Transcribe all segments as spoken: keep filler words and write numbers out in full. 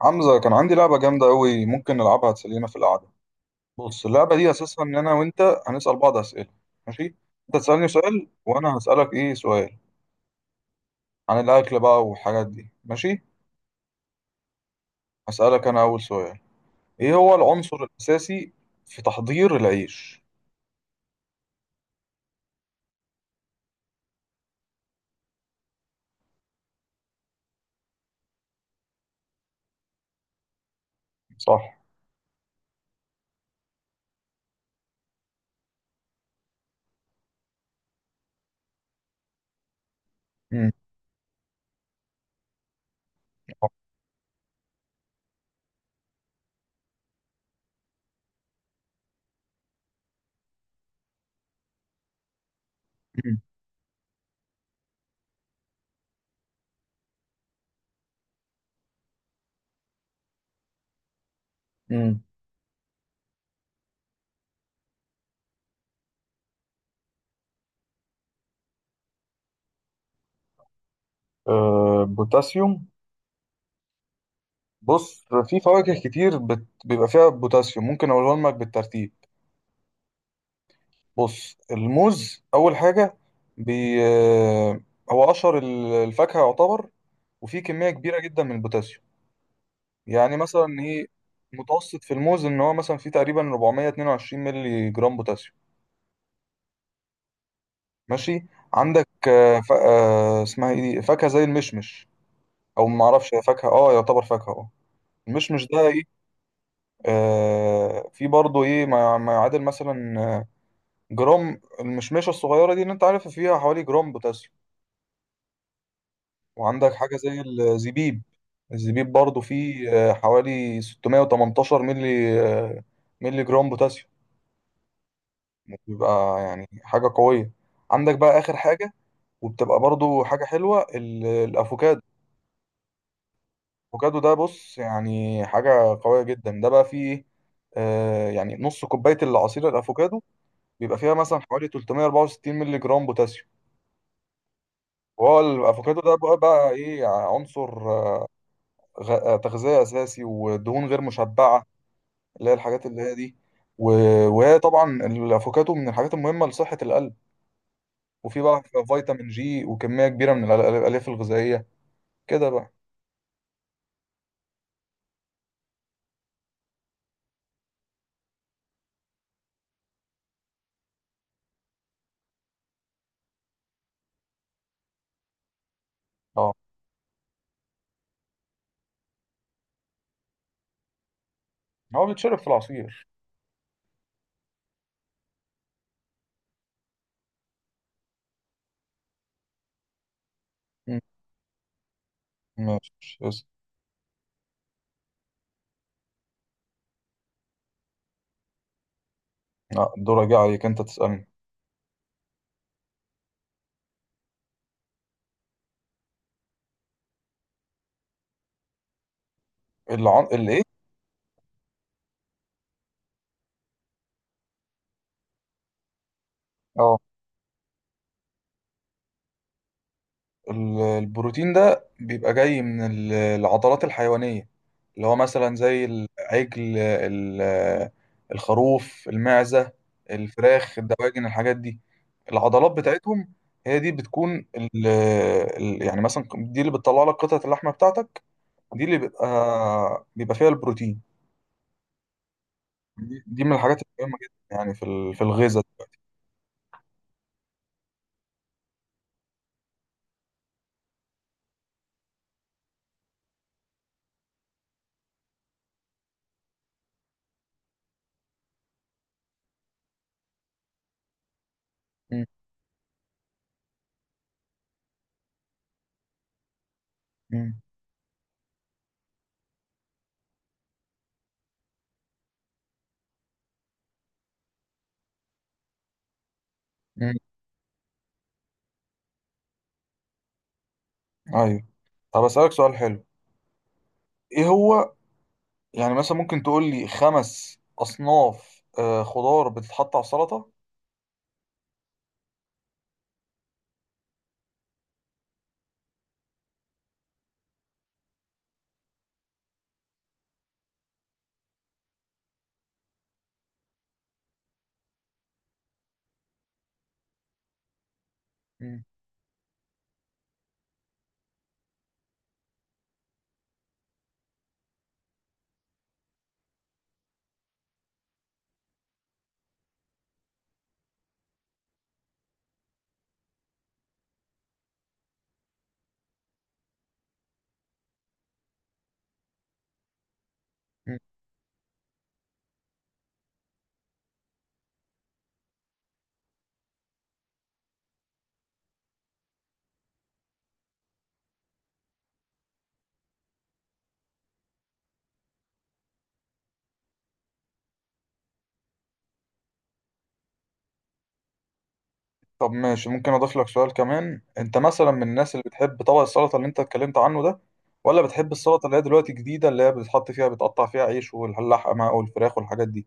حمزة، كان عندي لعبة جامدة أوي ممكن نلعبها تسلينا في القعدة. بص، اللعبة دي أساسها إن أنا وأنت هنسأل بعض أسئلة. ماشي؟ أنت تسألني سؤال وأنا هسألك إيه سؤال عن الأكل بقى والحاجات دي. ماشي. هسألك أنا أول سؤال: إيه هو العنصر الأساسي في تحضير العيش؟ صح. مم. مم. مم. أه، بوتاسيوم. بص، في فواكه كتير بت... بيبقى فيها بوتاسيوم، ممكن أقولهم لك بالترتيب. بص، الموز اول حاجه. بي آه، هو اشهر ال- الفاكهه يعتبر، وفيه كميه كبيره جدا من البوتاسيوم. يعني مثلا ايه، متوسط في الموز ان هو مثلا فيه تقريبا أربعمية واتنين وعشرين مللي جرام بوتاسيوم. ماشي. عندك، آه، ف... آه، اسمها ايه دي، فاكهه زي المشمش، او ما اعرفش، هي فاكهه، اه، يعتبر فاكهه، اه. المشمش ده ايه؟ آه في برضه ايه ما ما يعادل مثلا، آه، جرام، المشمشه الصغيره دي اللي انت عارفها فيها حوالي جرام بوتاسيوم. وعندك حاجة زي الزبيب. الزبيب برضو فيه آه، حوالي ستمية وتمنتاشر ملي، آه، ملي جرام بوتاسيوم. بيبقى يعني حاجة قوية. عندك بقى آخر حاجة، وبتبقى برضو حاجة حلوة: ال- الأفوكادو. الأفوكادو ده بص يعني حاجة قوية جدا، ده بقى فيه إيه؟ آه، يعني نص كوباية العصير الأفوكادو بيبقى فيها مثلا حوالي تلتمية وأربعة وستين ملي جرام بوتاسيوم. وهو الأفوكادو ده بقى, بقى إيه عنصر؟ آه، غ- آه، تغذية أساسي ودهون غير مشبعة، اللي هي الحاجات اللي هي دي. و... وهي طبعا الافوكاتو من الحاجات المهمه لصحه القلب، وفي بقى فيتامين جي وكميه كبيره من الأل- الالياف الغذائيه. كده بقى. اه، هو بيتشرب في العصير. مم. ماشي، اسأل. لا، الدور جه عليك، انت تسالني. العن... الايه؟ اه، ال- البروتين ده بيبقى جاي من ال- العضلات الحيوانية، اللي هو مثلا زي العجل، ال- الخروف، المعزة، الفراخ، الدواجن، الحاجات دي. العضلات بتاعتهم هي دي بتكون ال ال- يعني مثلا دي اللي بتطلع لك قطعة اللحمة بتاعتك، دي اللي بيبقى بيبقى فيها البروتين. دي دي من الحاجات المهمة جدا يعني في ال- في الغذاء. م- م- م. ايوه. طب، اسألك سؤال حلو. ايه هو؟ يعني مثلا ممكن تقول لي خمس أصناف آه، خضار بتتحط على السلطة؟ مم. مم. طب ماشي، ممكن أضيف لك سؤال كمان: أنت مثلا من الناس اللي بتحب طبق السلطة اللي أنت اتكلمت عنه ده، ولا بتحب السلطة اللي هي دلوقتي جديدة، اللي هي بتحط فيها بتقطع فيها عيش واللحمة والفراخ والحاجات دي؟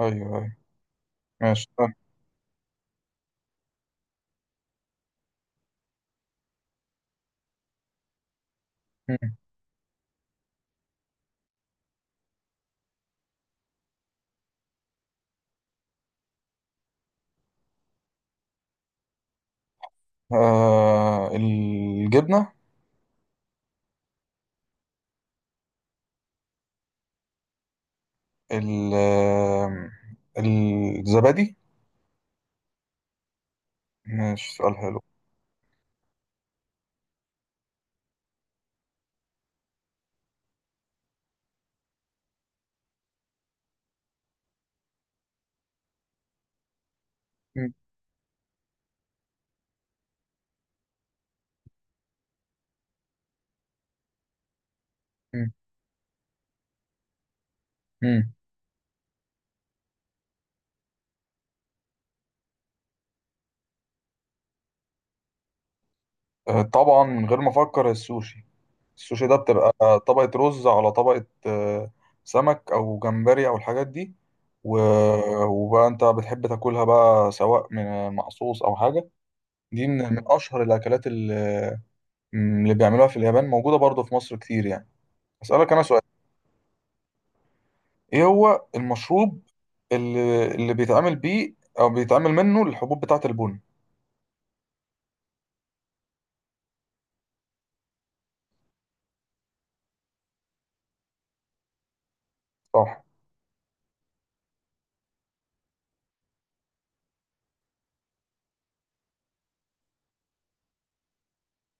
أيوه، أيوه. ماشي، طيب. مم. آه الجبنة. ال- آه، الزبادي. ماشي، سؤال حلو. مم. مم. مم. آه، طبعا، من غير ما أفكر، السوشي. السوشي ده بتبقى طبقة رز على طبقة آه، سمك أو جمبري أو الحاجات دي، و- وبقى أنت بتحب تاكلها بقى سواء من مع صوص أو حاجة. دي من من أشهر الأكلات اللي اللي بيعملوها في اليابان، موجودة برضه في مصر كتير يعني. أسألك أنا سؤال: إيه هو المشروب اللي, اللي بيتعمل بيه أو بيتعمل منه الحبوب بتاعة البن؟ صح.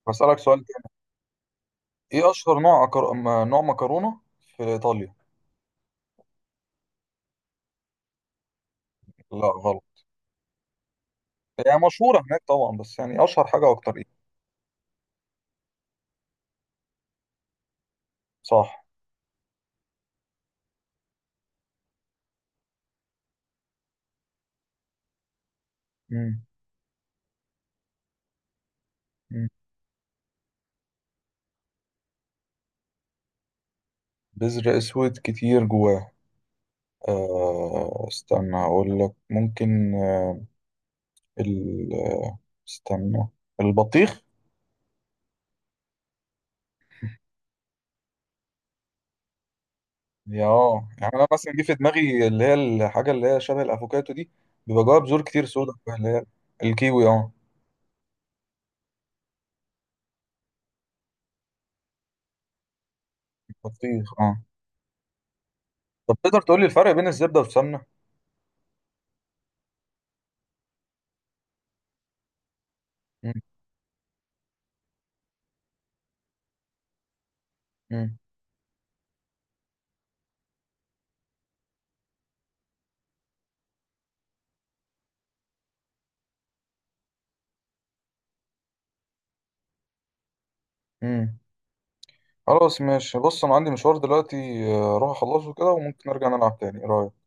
بسألك سؤال تاني: إيه أشهر نوع أكر... م- نوع مكرونة في إيطاليا؟ لا، غلط. هي يعني مشهورة هناك طبعا، بس يعني أشهر حاجة أكتر. صح. مم. مم. بذر اسود كتير جواه. آه استنى اقول لك. ممكن آه ال آه، استنى. البطيخ. يا اه، يعني انا مثلا جه في دماغي اللي هي الحاجه اللي هي شبه الافوكاتو دي، بيبقى جواها بذور كتير سودا اللي هي. الكيوي، اه. البطيخ، اه. طب، تقدر تقول لي الفرق بين الزبده والسمنه؟ مم. مم. مم. خلاص، ماشي. بص، انا عندي مشوار دلوقتي، آه، اروح اخلصه كده، وممكن ارجع نلعب تاني، ايه رايك؟